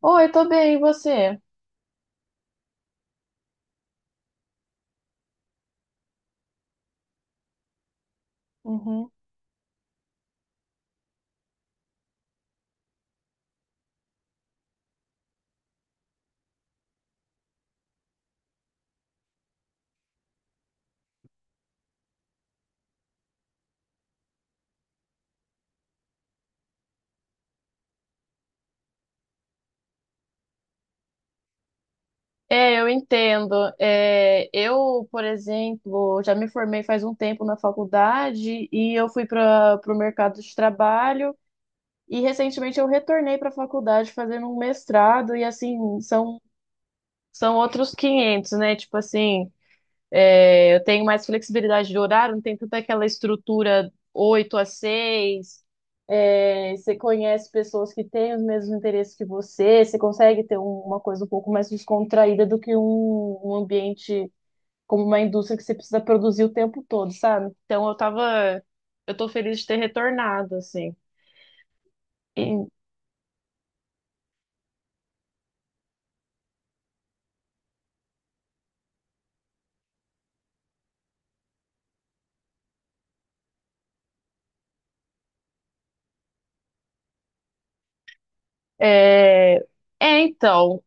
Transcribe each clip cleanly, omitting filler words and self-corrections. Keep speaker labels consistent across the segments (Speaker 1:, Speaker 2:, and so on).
Speaker 1: Oi, tô bem, e você? Uhum. É, eu entendo. É, eu, por exemplo, já me formei faz um tempo na faculdade e eu fui para o mercado de trabalho e recentemente eu retornei para a faculdade fazendo um mestrado e assim, são outros 500, né? Tipo assim, é, eu tenho mais flexibilidade de horário, não tem tanta aquela estrutura 8 a 6. É, você conhece pessoas que têm os mesmos interesses que você, você consegue ter uma coisa um pouco mais descontraída do que um ambiente como uma indústria que você precisa produzir o tempo todo, sabe? Então eu tô feliz de ter retornado, assim. E é, então,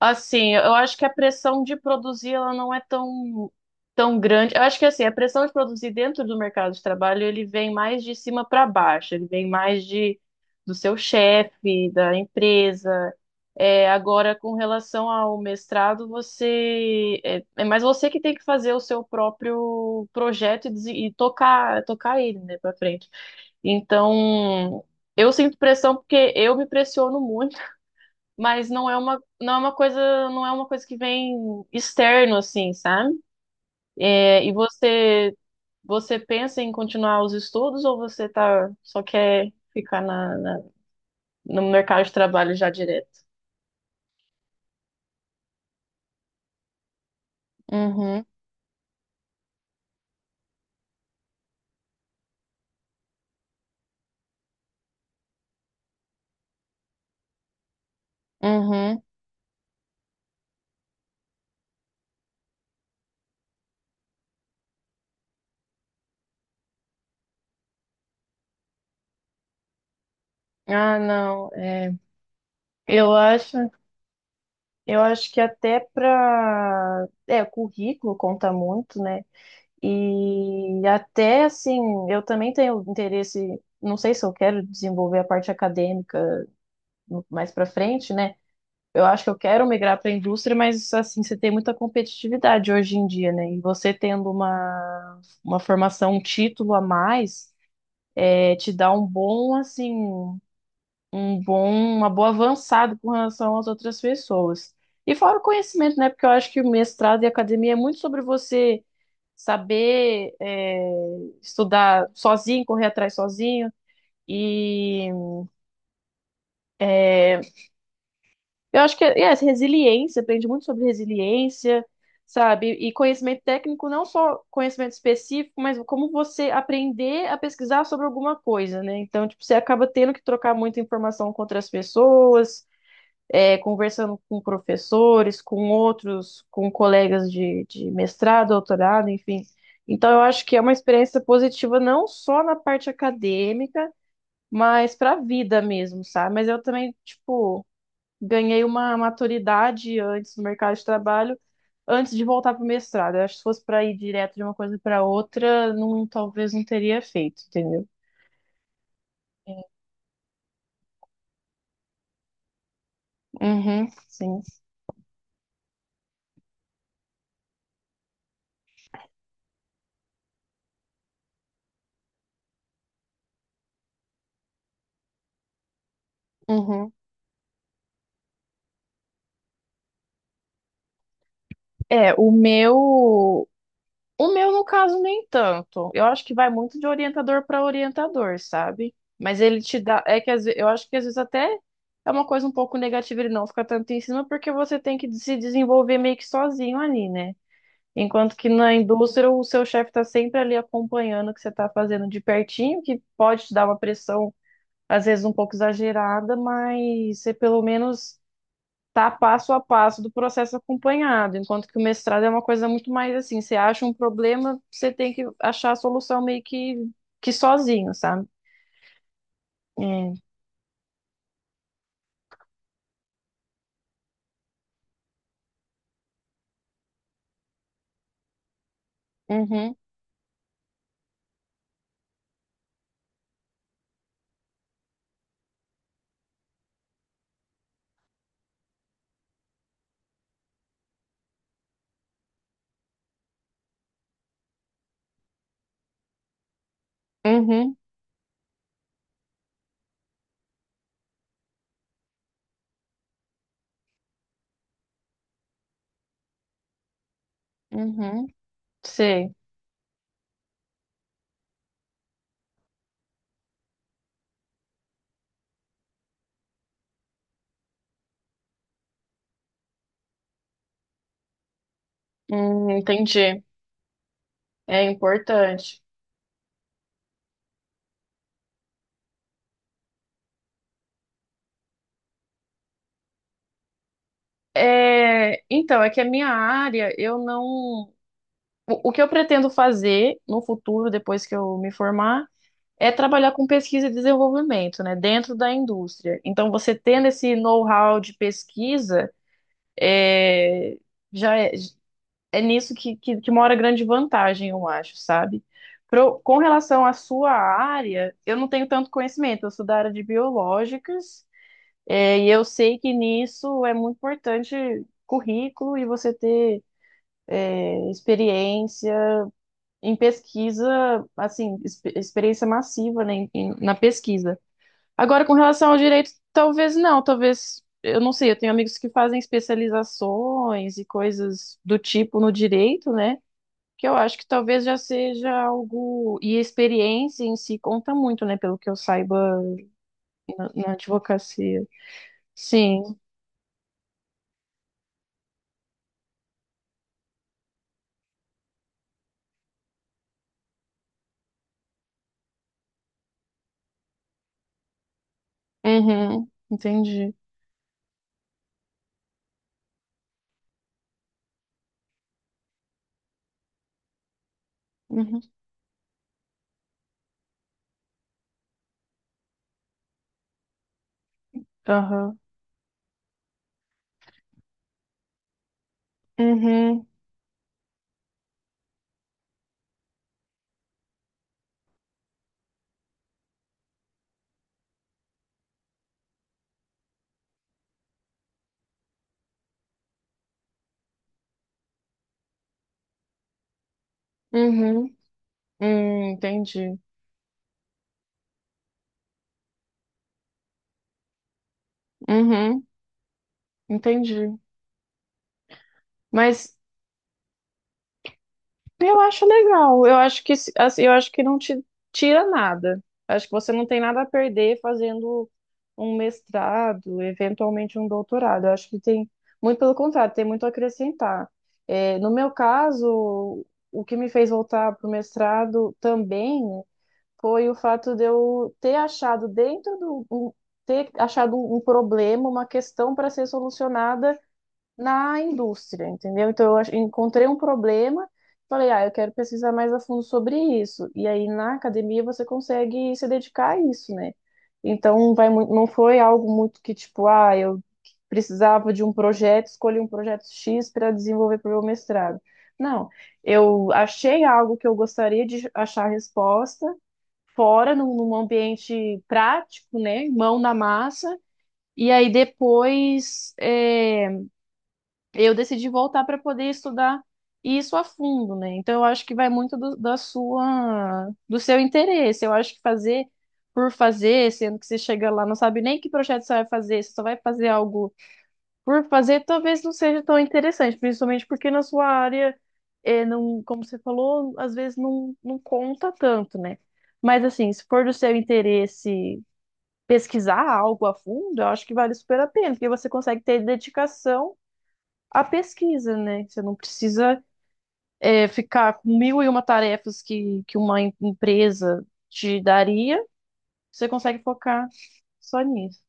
Speaker 1: assim, eu acho que a pressão de produzir ela não é tão grande. Eu acho que assim, a pressão de produzir dentro do mercado de trabalho, ele vem mais de cima para baixo, ele vem mais de do seu chefe, da empresa. É, agora, com relação ao mestrado, você é, é mais você que tem que fazer o seu próprio projeto e, e tocar ele, né, para frente. Então, eu sinto pressão porque eu me pressiono muito, mas não é uma coisa que vem externo assim, sabe? É, e você pensa em continuar os estudos ou você tá, só quer ficar no mercado de trabalho já direto? Uhum, uhum. Ah, não. Eu acho, eu acho que até para, currículo conta muito, né? E até assim, eu também tenho interesse, não sei se eu quero desenvolver a parte acadêmica mais para frente, né? Eu acho que eu quero migrar para a indústria, mas assim, você tem muita competitividade hoje em dia, né? E você tendo uma formação, um título a mais, é, te dá um bom, assim, um bom, uma boa avançada com relação às outras pessoas. E fora o conhecimento, né? Porque eu acho que o mestrado e a academia é muito sobre você saber, é, estudar sozinho, correr atrás sozinho. E é, eu acho que essa resiliência, aprende muito sobre resiliência, sabe? E conhecimento técnico, não só conhecimento específico, mas como você aprender a pesquisar sobre alguma coisa, né? Então, tipo, você acaba tendo que trocar muita informação com outras pessoas, é, conversando com professores, com outros, com colegas de mestrado, doutorado, enfim. Então, eu acho que é uma experiência positiva não só na parte acadêmica, mas para a vida mesmo, sabe? Mas eu também, tipo, ganhei uma maturidade antes no mercado de trabalho, antes de voltar para o mestrado. Eu acho que se fosse para ir direto de uma coisa para outra, não, talvez não teria feito, entendeu? Uhum, sim. Uhum. É, o meu no caso nem tanto. Eu acho que vai muito de orientador para orientador, sabe? Mas ele te dá, é que eu acho que às vezes até é uma coisa um pouco negativa ele não ficar tanto em cima, porque você tem que se desenvolver meio que sozinho ali, né? Enquanto que na indústria o seu chefe está sempre ali acompanhando o que você está fazendo de pertinho, que pode te dar uma pressão, às vezes um pouco exagerada, mas você pelo menos tá passo a passo do processo acompanhado. Enquanto que o mestrado é uma coisa muito mais assim, você acha um problema, você tem que achar a solução meio que sozinho, sabe? É. Uhum, uhum, uhum. Sei. Entendi. É importante. É, então, é que a minha área, eu não. O que eu pretendo fazer no futuro, depois que eu me formar, é trabalhar com pesquisa e desenvolvimento, né, dentro da indústria. Então, você tendo esse know-how de pesquisa, é, já é, é nisso que mora grande vantagem, eu acho, sabe? Com relação à sua área, eu não tenho tanto conhecimento, eu sou da área de biológicas, é, e eu sei que nisso é muito importante currículo e você ter, é, experiência em pesquisa, assim, experiência massiva, né, na pesquisa. Agora, com relação ao direito, talvez não, talvez, eu não sei, eu tenho amigos que fazem especializações e coisas do tipo no direito, né, que eu acho que talvez já seja algo, e a experiência em si conta muito, né, pelo que eu saiba na, na advocacia. Sim, uhum, entendi. Uhum, aham, uhum, uhum, entendi, uhum, entendi. Mas eu acho legal. Eu acho que assim, eu acho que não te tira nada. Acho que você não tem nada a perder fazendo um mestrado, eventualmente um doutorado. Eu acho que tem muito pelo contrário, tem muito a acrescentar. É, no meu caso, o que me fez voltar para o mestrado também foi o fato de eu ter achado ter achado um problema, uma questão para ser solucionada na indústria, entendeu? Então eu encontrei um problema, falei, ah, eu quero pesquisar mais a fundo sobre isso. E aí na academia você consegue se dedicar a isso, né? Então não foi algo muito que tipo, ah, eu precisava de um projeto, escolhi um projeto X para desenvolver para o meu mestrado. Não, eu achei algo que eu gostaria de achar resposta fora, num ambiente prático, né? Mão na massa. E aí depois, é, eu decidi voltar para poder estudar isso a fundo, né? Então eu acho que vai muito do, da sua, do seu interesse. Eu acho que fazer por fazer, sendo que você chega lá, não sabe nem que projeto você vai fazer, você só vai fazer algo por fazer, talvez não seja tão interessante, principalmente porque na sua área, é, não, como você falou, às vezes não, não conta tanto, né? Mas assim, se for do seu interesse pesquisar algo a fundo, eu acho que vale super a pena, porque você consegue ter dedicação a pesquisa, né? Você não precisa, é, ficar com mil e uma tarefas que uma empresa te daria, você consegue focar só nisso.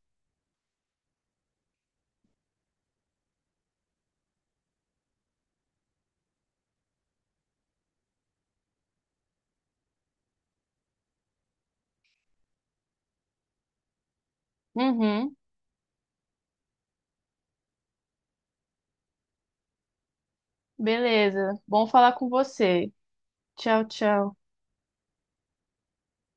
Speaker 1: Uhum, beleza. Bom falar com você. Tchau, tchau.